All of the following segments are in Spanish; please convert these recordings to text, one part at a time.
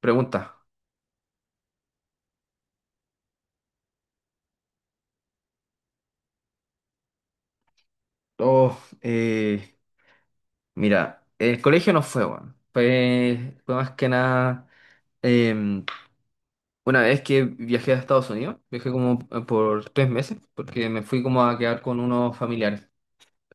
Pregunta. Oh, mira, el colegio no fue, weón. Fue más que nada. em, una vez que viajé a Estados Unidos, viajé como por 3 meses, porque me fui como a quedar con unos familiares.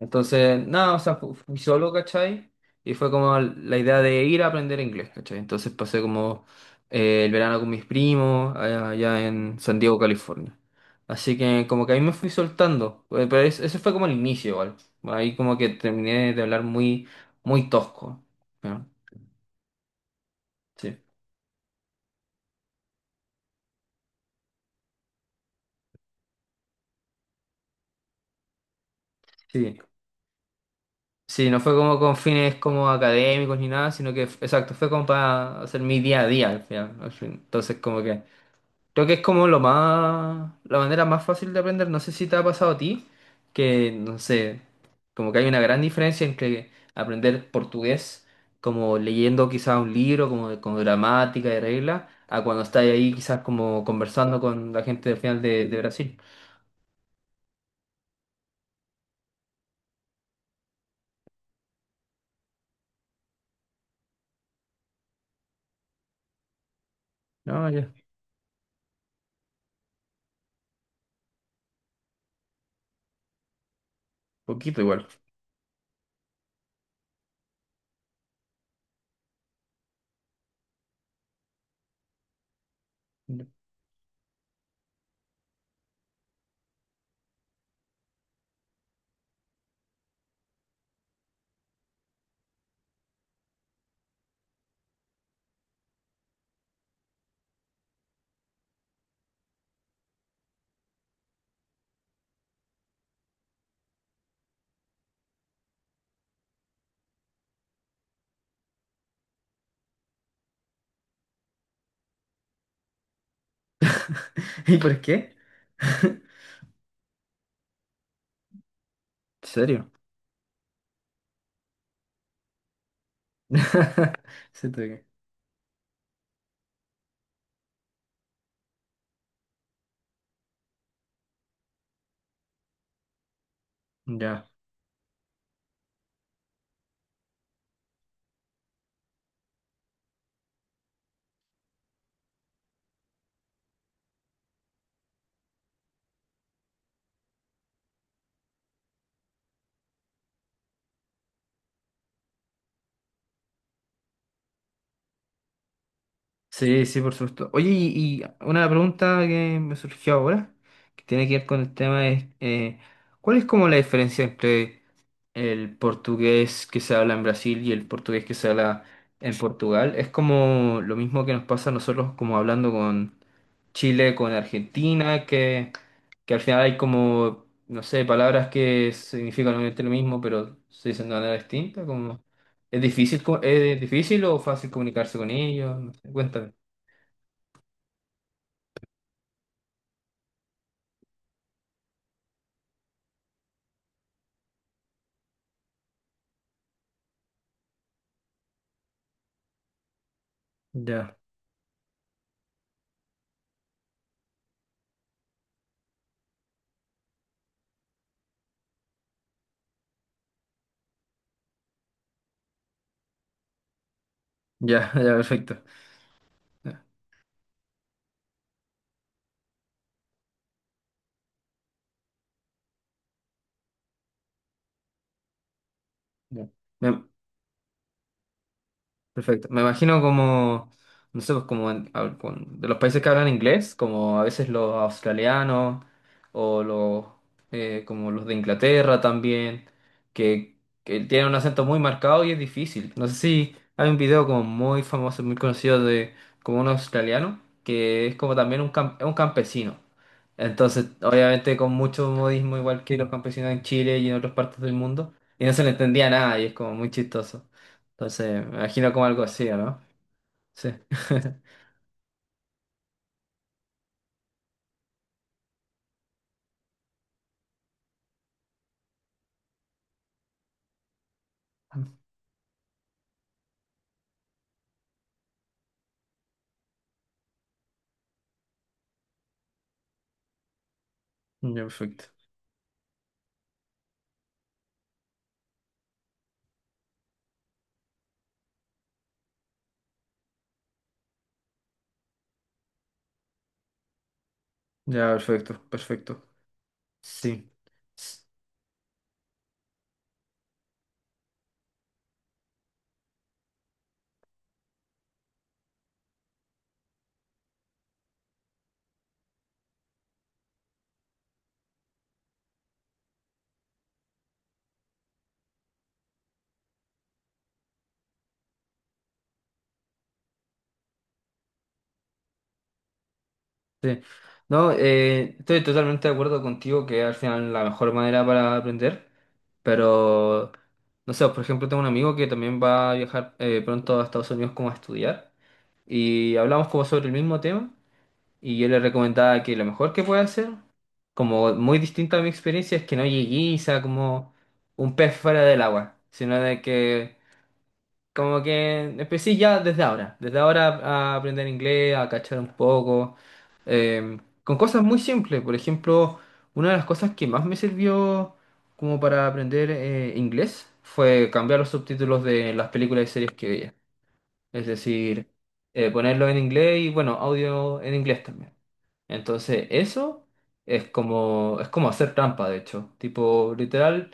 Entonces, nada, o sea, fui solo, ¿cachai? Y fue como la idea de ir a aprender inglés, ¿cachai? Entonces pasé como el verano con mis primos allá, allá en San Diego, California. Así que como que ahí me fui soltando, pero ese fue como el inicio igual. Ahí como que terminé de hablar muy, muy tosco. ¿No? Sí, sí. Sí, no fue como con fines como académicos ni nada, sino que, exacto, fue como para hacer mi día a día al final, al fin. Entonces como que... Creo que es como lo más, la manera más fácil de aprender. No sé si te ha pasado a ti, que no sé, como que hay una gran diferencia entre aprender portugués, como leyendo quizás un libro, como con gramática y reglas, a cuando estás ahí quizás como conversando con la gente del final de Brasil. No, ya, poquito igual. ¿Y por qué? ¿En serio? Siento que... Ya. Sí, sí, por supuesto. Oye, y una pregunta que me surgió ahora, que tiene que ver con el tema es, ¿cuál es como la diferencia entre el portugués que se habla en Brasil y el portugués que se habla en Portugal? Es como lo mismo que nos pasa a nosotros como hablando con Chile, con Argentina, que al final hay como, no sé, palabras que significan obviamente lo mismo, pero se dicen de manera distinta, como... ¿Es difícil, es difícil o fácil comunicarse con ellos? No sé, cuéntame. Ya, ya, ya, perfecto. Ya, ya. Me, perfecto. Me imagino como, no sé, pues como de los países que hablan inglés, como a veces los australianos o los como los de Inglaterra también, que, que tienen un acento muy marcado y es difícil. No sé si hay un video como muy famoso, muy conocido de como un australiano que es como también un, es un campesino. Entonces, obviamente con mucho modismo, igual que los campesinos en Chile y en otras partes del mundo, y no se le entendía nada y es como muy chistoso. Entonces, me imagino como algo así, ¿o no? Sí. Ya, perfecto. Ya, perfecto, perfecto. Sí. S- Sí. No, estoy totalmente de acuerdo contigo que al final la mejor manera para aprender, pero no sé, por ejemplo, tengo un amigo que también va a viajar pronto a Estados Unidos como a estudiar y hablamos como sobre el mismo tema. Y yo le recomendaba que lo mejor que puede hacer, como muy distinto a mi experiencia, es que no llegué y sea como un pez fuera del agua, sino de que como que empecé ya desde ahora a aprender inglés, a cachar un poco, eh, con cosas muy simples. Por ejemplo, una de las cosas que más me sirvió como para aprender inglés fue cambiar los subtítulos de las películas y series que veía. Es decir, ponerlo en inglés y bueno, audio en inglés también. Entonces, eso es como hacer trampa, de hecho. Tipo, literal,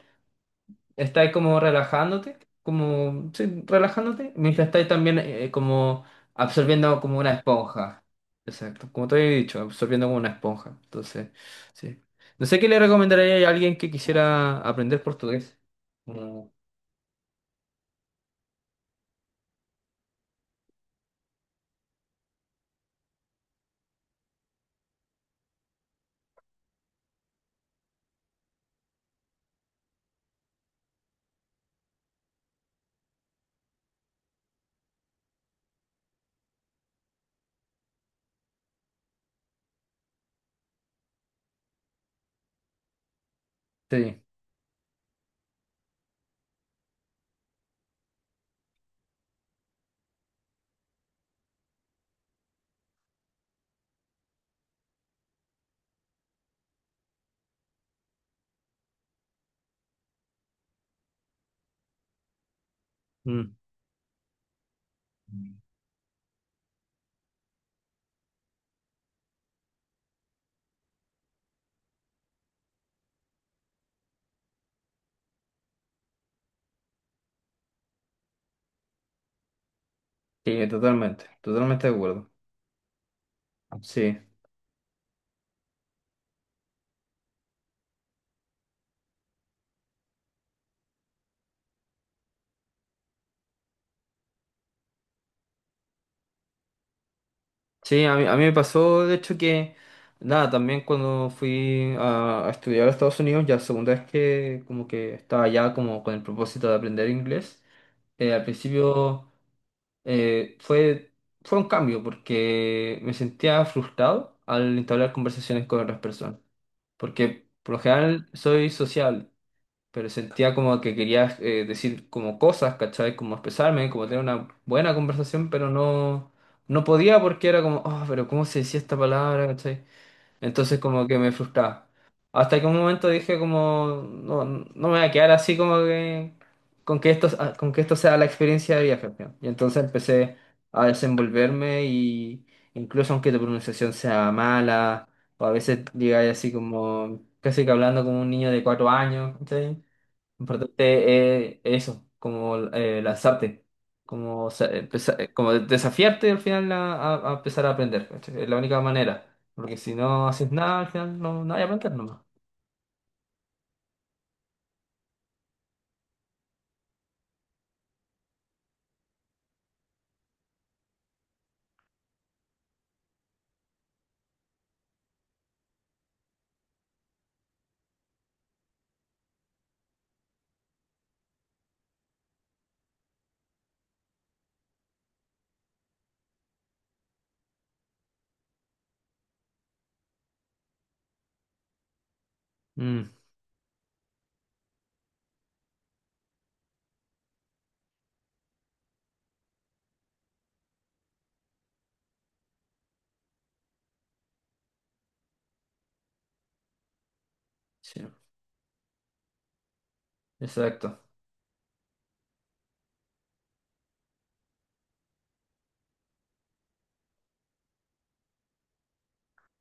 estáis como relajándote, como, sí, relajándote, mientras estáis también como absorbiendo como una esponja. Exacto, como te había dicho, absorbiendo como una esponja. Entonces, sí. No sé qué le recomendaría a alguien que quisiera aprender portugués. Mm, sí, mm, sí, totalmente, totalmente de acuerdo. Sí. Sí, a mí me pasó, de hecho, que nada, también cuando fui a estudiar a Estados Unidos, ya la segunda vez que como que estaba ya como con el propósito de aprender inglés, al principio fue, fue un cambio porque me sentía frustrado al entablar conversaciones con otras personas, porque por lo general soy social pero sentía como que quería decir como cosas, ¿cachai? Como expresarme, como tener una buena conversación, pero no, no podía porque era como, oh, pero ¿cómo se decía esta palabra, ¿cachai? Entonces como que me frustraba. Hasta que un momento dije como, no, no me voy a quedar así como que, con que esto, ah, con que esto sea la experiencia de viaje. ¿No? Y entonces empecé a desenvolverme y incluso aunque tu pronunciación sea mala, o a veces digáis así como, casi que hablando como un niño de 4 años, ¿cachai? Importante eso, como lanzarte, como, como desafiarte al final a, a empezar a aprender. ¿Cachai? Es la única manera, porque si no haces nada, al final no, no hay aprender nomás. Mm, sí, exacto.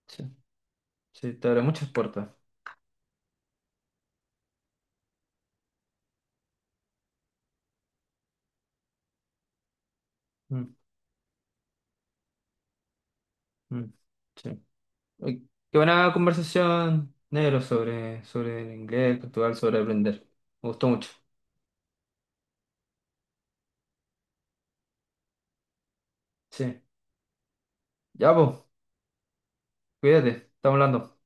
Sí, sí, te abre muchas puertas. Mm, mm, sí. Uy, qué buena conversación, negro, sobre, sobre el inglés, Portugal, sobre aprender. Me gustó mucho. Sí, ya, pues, cuídate, estamos hablando.